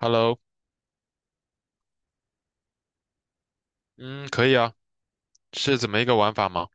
Hello，嗯，可以啊。是怎么一个玩法吗？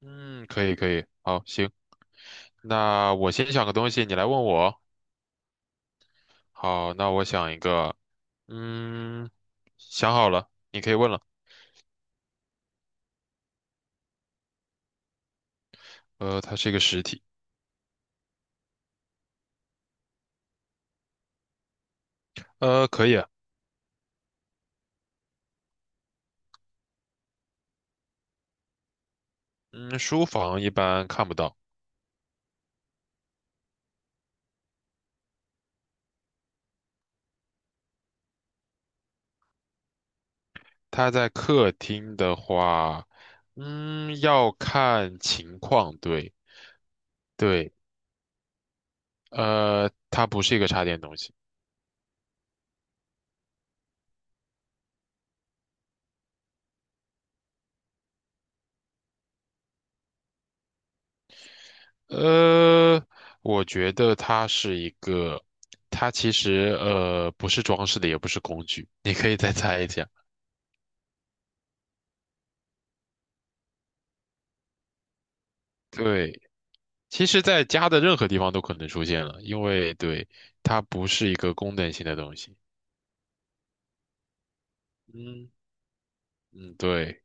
嗯，可以，可以，好，行，那我先想个东西，你来问我。好，那我想一个，嗯，想好了，你可以问了。它是一个实体。可以啊。嗯，书房一般看不到。它在客厅的话，要看情况，对。对，它不是一个插电东西。呃，我觉得它是一个，它其实不是装饰的，也不是工具，你可以再猜一下。对，其实在家的任何地方都可能出现了，因为对，它不是一个功能性的东西。嗯。嗯，对，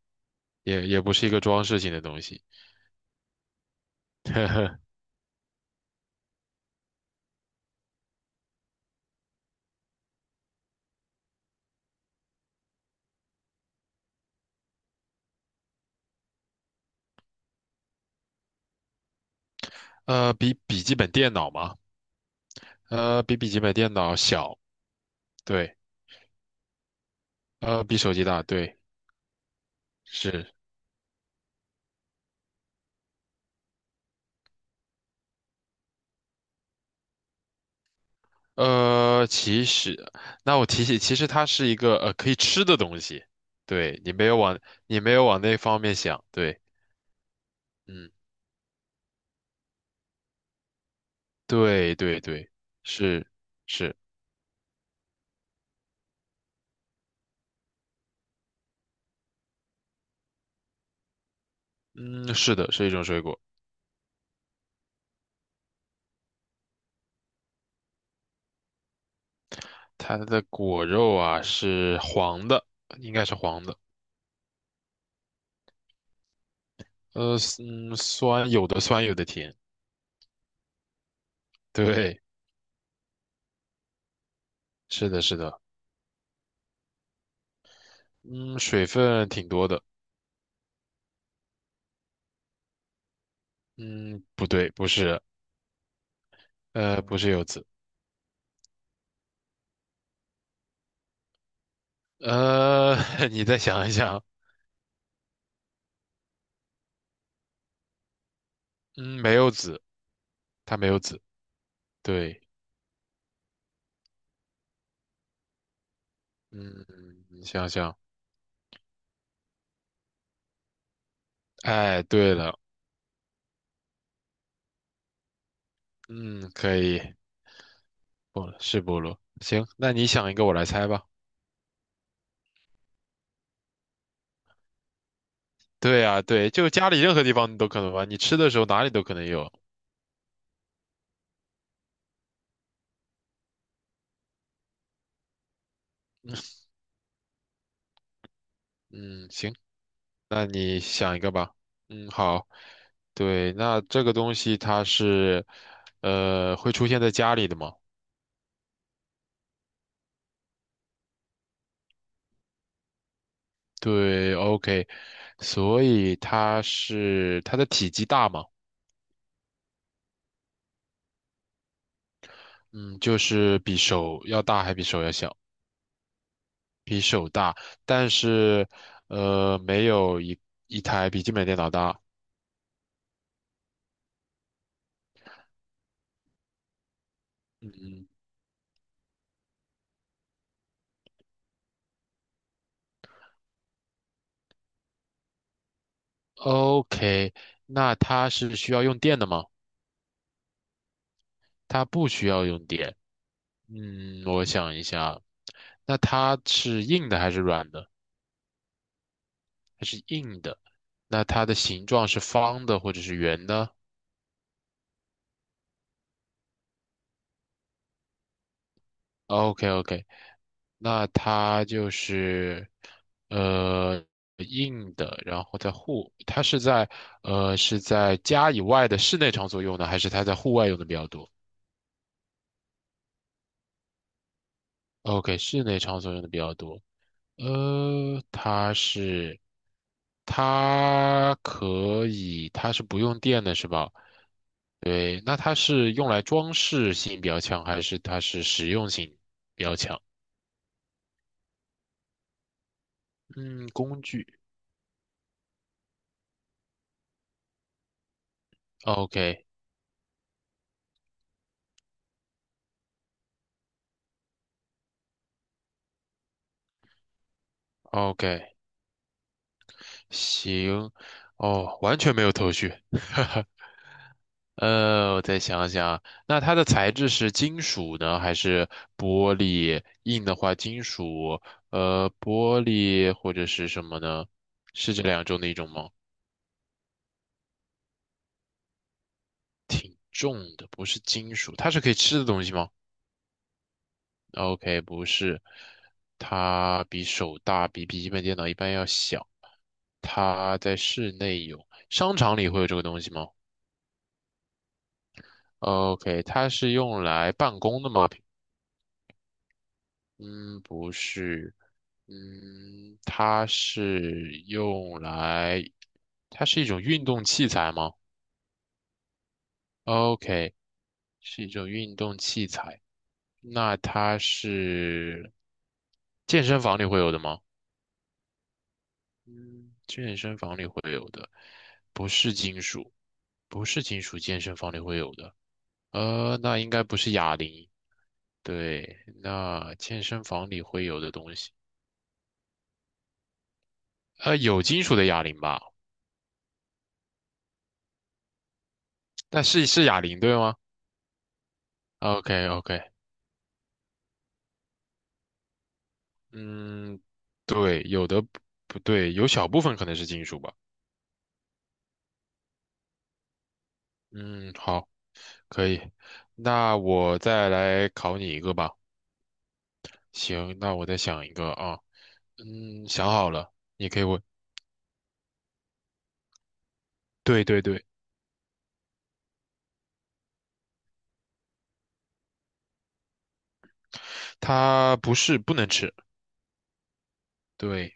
也不是一个装饰性的东西。呵呵。比笔记本电脑嘛。比笔记本电脑小。对。比手机大，对。是。呃，其实，那我提醒，其实它是一个可以吃的东西。对，你没有往那方面想，对。嗯，对对对。是是。嗯，是的，是一种水果。它的果肉啊是黄的，应该是黄的。酸，有的酸，有的甜。对。是的，是的。嗯，水分挺多的。嗯，不对，不是。不是柚子。呃，你再想一想。嗯，没有籽。它没有籽，对。嗯，你想想。哎，对了。嗯，可以。不是菠萝，行，那你想一个，我来猜吧。对啊，对，就家里任何地方你都可能吧，你吃的时候哪里都可能有。嗯，行，那你想一个吧。嗯，好。对，那这个东西它是，会出现在家里的吗？对，OK，所以它是它的体积大吗？嗯，就是比手要大还比手要小？比手大，但是没有一台笔记本电脑大。嗯，OK，那它是需要用电的吗？它不需要用电。嗯，我想一下，那它是硬的还是软的？它是硬的。那它的形状是方的或者是圆的？OK，OK，那它就是呃硬的，然后它是在是在家以外的室内场所用的，还是它在户外用的比较多？OK，室内场所用的比较多。呃，它是它可以，它是不用电的是吧？对，那它是用来装饰性比较强，还是它是实用性？嗯，工具。o k o k 行，哦，完全没有头绪。我再想想，那它的材质是金属呢，还是玻璃？硬的话，金属，玻璃或者是什么呢？是这两种的一种吗？挺重的，不是金属，它是可以吃的东西吗？OK，不是。它比手大，比笔记本电脑一般要小。它在室内有，商场里会有这个东西吗？OK，它是用来办公的吗？嗯，不是。嗯，它是用来，它是一种运动器材吗？OK，是一种运动器材。那它是健身房里会有的吗？嗯，健身房里会有的。不是金属，不是金属，健身房里会有的。那应该不是哑铃，对，那健身房里会有的东西。有金属的哑铃吧？但是是哑铃对吗？OK OK。嗯，对，有的不不对，有小部分可能是金属吧。嗯，好，可以。那我再来考你一个吧。行，那我再想一个啊。嗯，想好了，你可以问。对对对，它不是不能吃。对，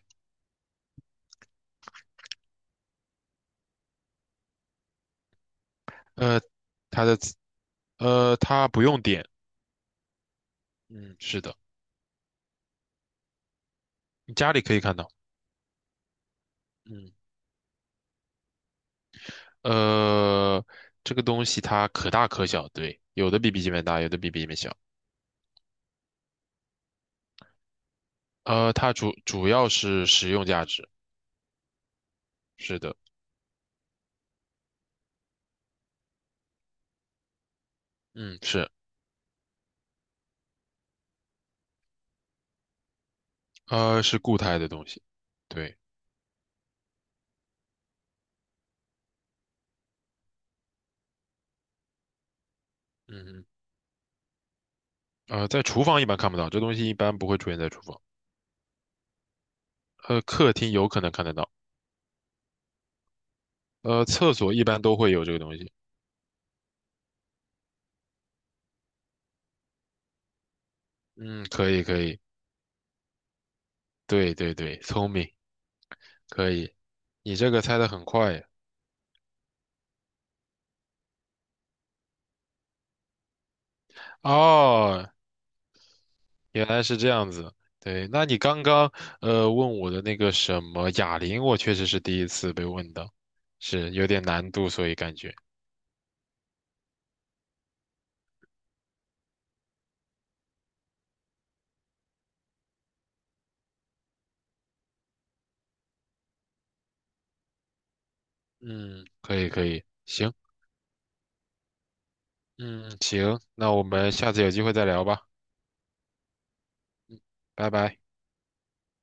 呃，它的它不用点。嗯，是的。你家里可以看到。嗯。呃，这个东西它可大可小，对，有的比笔记本大，有的比笔记本小。它主要是实用价值。是的。嗯，是。是固态的东西。对。嗯，在厨房一般看不到，这东西一般不会出现在厨房。客厅有可能看得到。厕所一般都会有这个东西。嗯，可以，可以。对对对，聪明。可以。你这个猜的很快哦。原来是这样子。对，那你刚刚问我的那个什么哑铃，我确实是第一次被问到，是有点难度，所以感觉嗯，可以可以，行。嗯行，那我们下次有机会再聊吧。拜拜。